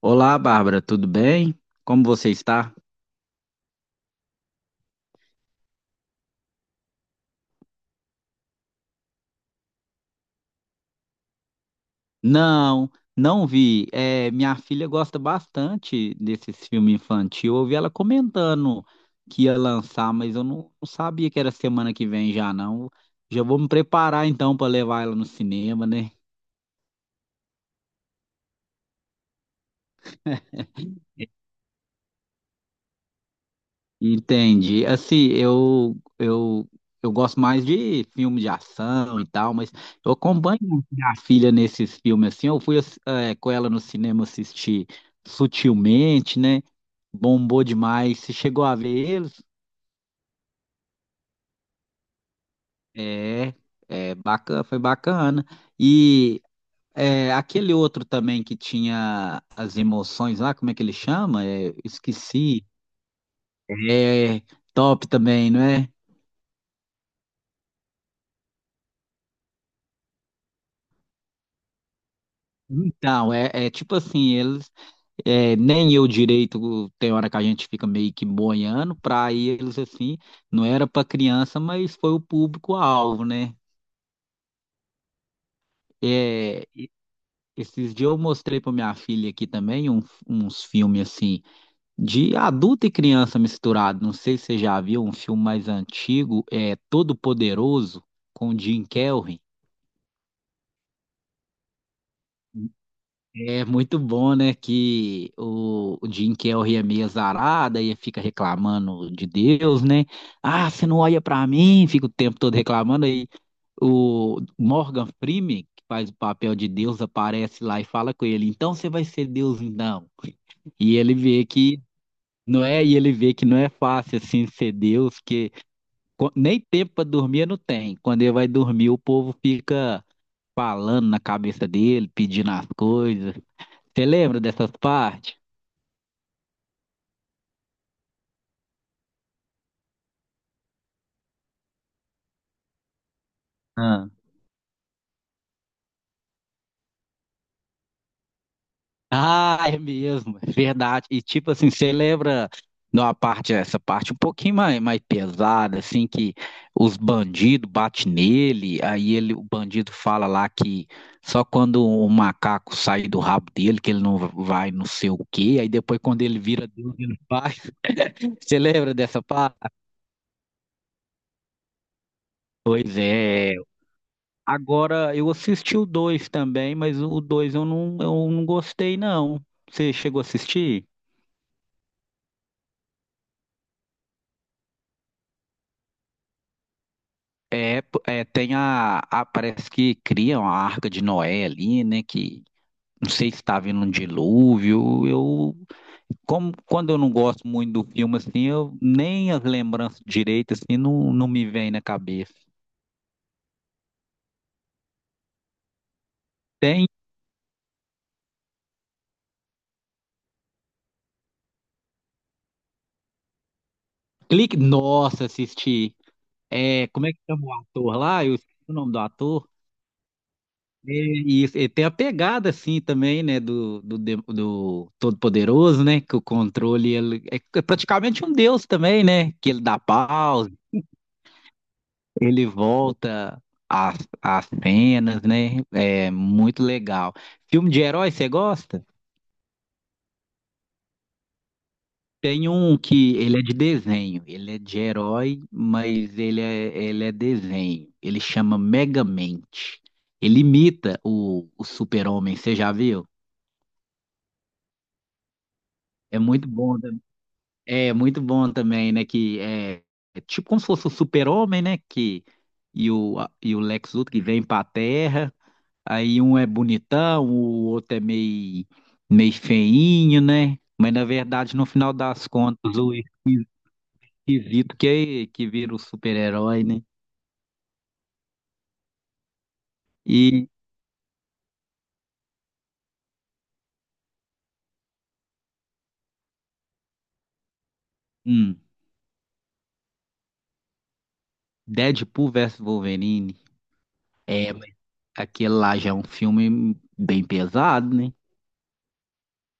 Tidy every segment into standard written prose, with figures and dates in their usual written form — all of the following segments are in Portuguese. Olá, Bárbara, tudo bem? Como você está? Não, não vi. É, minha filha gosta bastante desses filmes infantil. Eu ouvi ela comentando que ia lançar, mas eu não sabia que era semana que vem já, não. Já vou me preparar então para levar ela no cinema, né? Entendi. Assim, eu gosto mais de filme de ação e tal, mas eu acompanho minha filha nesses filmes assim. Eu fui com ela no cinema assistir Sutilmente, né? Bombou demais. Você chegou a ver eles? É, é bacana, foi bacana. E aquele outro também que tinha as emoções lá, como é que ele chama? É, esqueci. É top também, não é? Então, é, é tipo assim, eles. É, nem eu direito, tem hora que a gente fica meio que boiando, para eles assim, não era para criança, mas foi o público-alvo, né? É, esses dias eu mostrei para minha filha aqui também uns filmes assim, de adulto e criança misturado. Não sei se você já viu um filme mais antigo, é Todo Poderoso, com o Jim Carrey. É muito bom, né, que o Jim Carrey é meio azarado e fica reclamando de Deus, né? Ah, você não olha pra mim, fica o tempo todo reclamando. Aí o Morgan Freeman, que faz o papel de Deus, aparece lá e fala com ele, então você vai ser Deus então. E ele vê que não é, e ele vê que não é fácil assim ser Deus, que nem tempo pra dormir não tem. Quando ele vai dormir, o povo fica falando na cabeça dele, pedindo as coisas. Você lembra dessas partes? Ah, Ah, é mesmo, é verdade. E tipo assim, você lembra de uma parte, essa parte um pouquinho mais, mais pesada, assim, que os bandidos batem nele, aí ele, o bandido fala lá que só quando o macaco sai do rabo dele, que ele não vai não sei o quê, aí depois quando ele vira Deus, ele faz. Você lembra dessa parte? Pois é. Agora, eu assisti o dois também, mas o dois eu não gostei, não. Você chegou a assistir? É, é, tem Parece que criam a Arca de Noé ali, né? Que não sei se está vindo um dilúvio. Eu, como, quando eu não gosto muito do filme, assim, eu nem as lembranças direitas, assim, não me vem na cabeça. Tem clique. Nossa, assisti. É, como é que chama o ator lá? Eu esqueci o nome do ator. É, E, isso, e tem a pegada, assim, também, né? Do Todo-Poderoso, né? Que o controle ele é praticamente um deus também, né? Que ele dá pausa. Ele volta às cenas, né? É muito legal. Filme de herói, você gosta? Tem um que ele é de desenho. Ele é de herói, mas ele é desenho. Ele chama Megamente. Ele imita o Super-Homem, você já viu? É muito bom, é muito bom também, né? Que é, é tipo como se fosse o Super-Homem, né? Que, e o Lex Luthor que vem para a Terra. Aí um é bonitão, o outro é meio feinho, né? Mas na verdade, no final das contas, o esquisito que vira o super-herói, né? E hum, Deadpool versus Wolverine. É, mas aquele lá já é um filme bem pesado, né?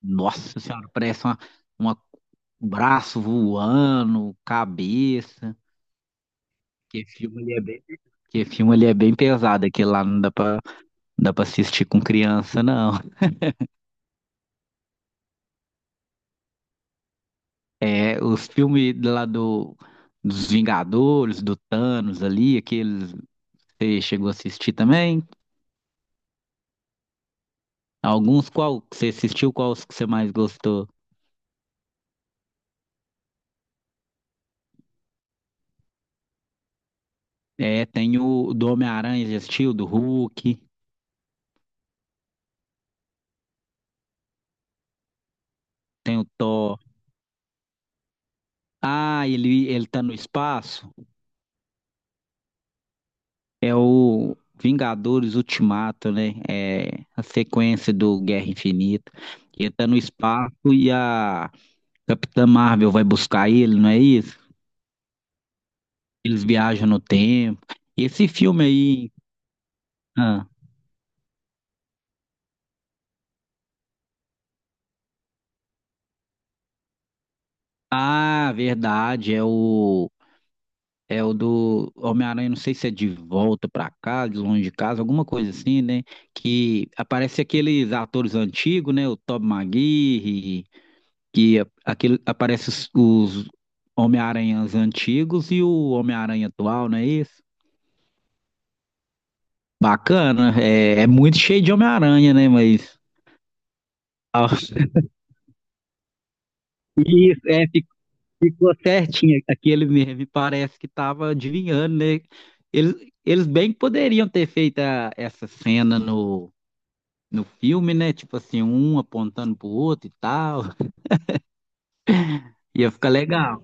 Nossa Senhora, parece uma um braço voando, cabeça. Que filme ele é bem, que filme ele é bem pesado, aquele lá não dá pra, não dá pra assistir com criança, não. É, os filmes lá dos Vingadores, do Thanos ali, aqueles você chegou a assistir também? Alguns, qual que você assistiu, quais que você mais gostou? É, tem o do Homem-Aranha, já assistiu? Do Hulk, tem o Thor. Ah, ele tá no espaço? É o Vingadores Ultimato, né? É a sequência do Guerra Infinita. Ele tá no espaço e a Capitã Marvel vai buscar ele, não é isso? Eles viajam no tempo. E esse filme aí. Ah, ah, verdade. É o do Homem-Aranha, não sei se é de volta pra casa, de longe de casa, alguma coisa assim, né? Que aparece aqueles atores antigos, né? O Tobey Maguire, que aquele, aparece os Homem-Aranhas antigos e o Homem-Aranha atual, não é isso? Bacana, é, é muito cheio de Homem-Aranha, né? Mas é, ficou certinho aquele meme, parece que tava adivinhando, né? Eles, eles bem que poderiam ter feito essa cena no filme, né? Tipo assim, um apontando pro outro e tal. Ia ficar legal.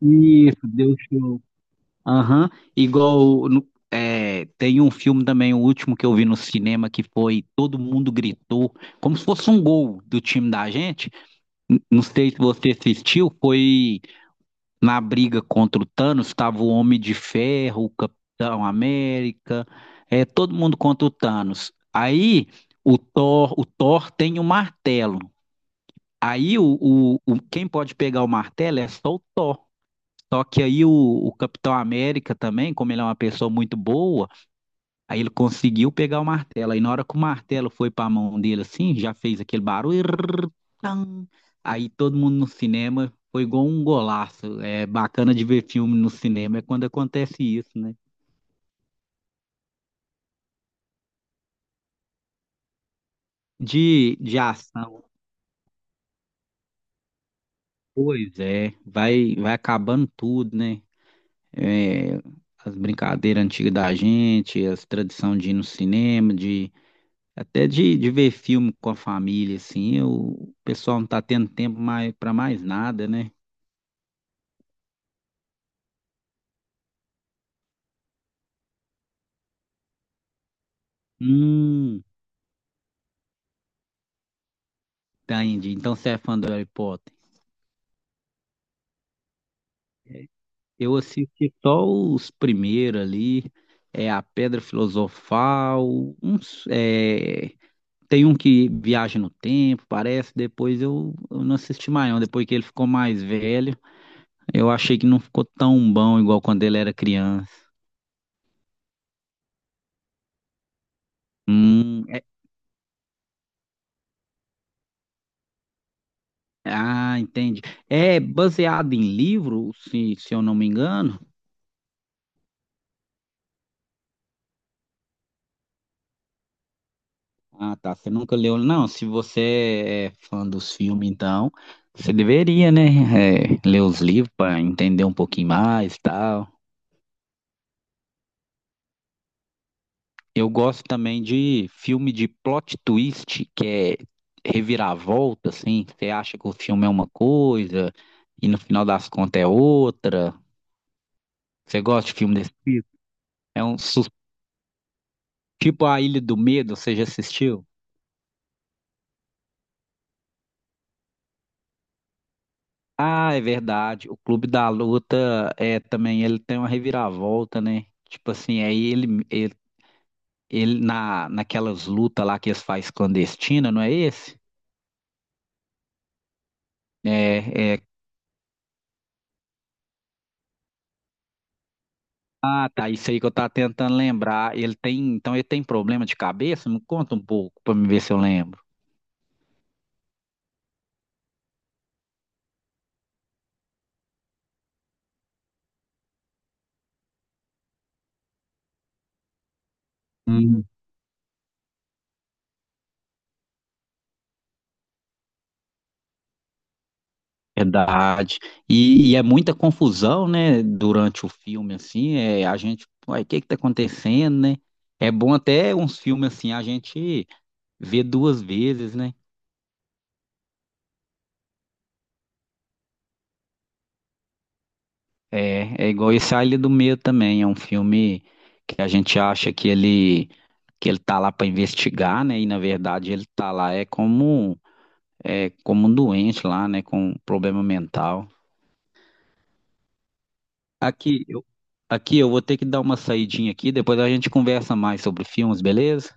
Isso, deu show. Aham. Igual é, tem um filme também, o último que eu vi no cinema, que foi Todo Mundo Gritou, como se fosse um gol do time da gente. Não sei se você assistiu, foi. Na briga contra o Thanos, estava o Homem de Ferro, o Capitão América, é, todo mundo contra o Thanos. Aí o Thor tem o martelo. Aí quem pode pegar o martelo é só o Thor. Só que aí o Capitão América também, como ele é uma pessoa muito boa, aí ele conseguiu pegar o martelo. Aí na hora que o martelo foi para a mão dele assim, já fez aquele barulho. Irrrr, tam. Aí todo mundo no cinema foi igual um golaço. É bacana de ver filme no cinema é quando acontece isso, né? De ação, pois é, vai, vai acabando tudo, né? É, as brincadeiras antigas da gente, as tradições de ir no cinema, de ver filme com a família, assim, o pessoal não tá tendo tempo mais para mais nada, né? Hum, tá, Indy. Então você é fã do Harry Potter. Eu assisti só os primeiros ali, é a Pedra Filosofal, uns, é, tem um que viaja no tempo, parece, depois eu não assisti mais não, depois que ele ficou mais velho, eu achei que não ficou tão bom igual quando ele era criança. Hum, é- ah, entendi. É baseado em livro, se eu não me engano? Ah, tá. Você nunca leu? Não, se você é fã dos filmes, então, você deveria, né? É, ler os livros para entender um pouquinho mais e tal. Eu gosto também de filme de plot twist, que é reviravolta, assim. Você acha que o filme é uma coisa e no final das contas é outra. Você gosta de filme desse tipo? É um tipo A Ilha do Medo, você já assistiu? Ah, é verdade. O Clube da Luta é também ele tem uma reviravolta, né? Tipo assim, ele na naquelas lutas lá que eles fazem clandestina, não é esse? É, é. Ah, tá, isso aí que eu tava tentando lembrar. Ele tem, então ele tem problema de cabeça? Me conta um pouco pra me ver se eu lembro. Hum. Verdade. E é muita confusão, né? Durante o filme, assim, é, a gente, uai, o que que tá acontecendo, né? É bom até uns filmes assim, a gente vê duas vezes, né? É, é igual esse A Ilha do Medo também, é um filme que a gente acha que ele tá lá para investigar, né? E na verdade ele tá lá é como um doente lá, né, com um problema mental. Aqui eu aqui eu vou ter que dar uma saidinha aqui, depois a gente conversa mais sobre filmes, beleza?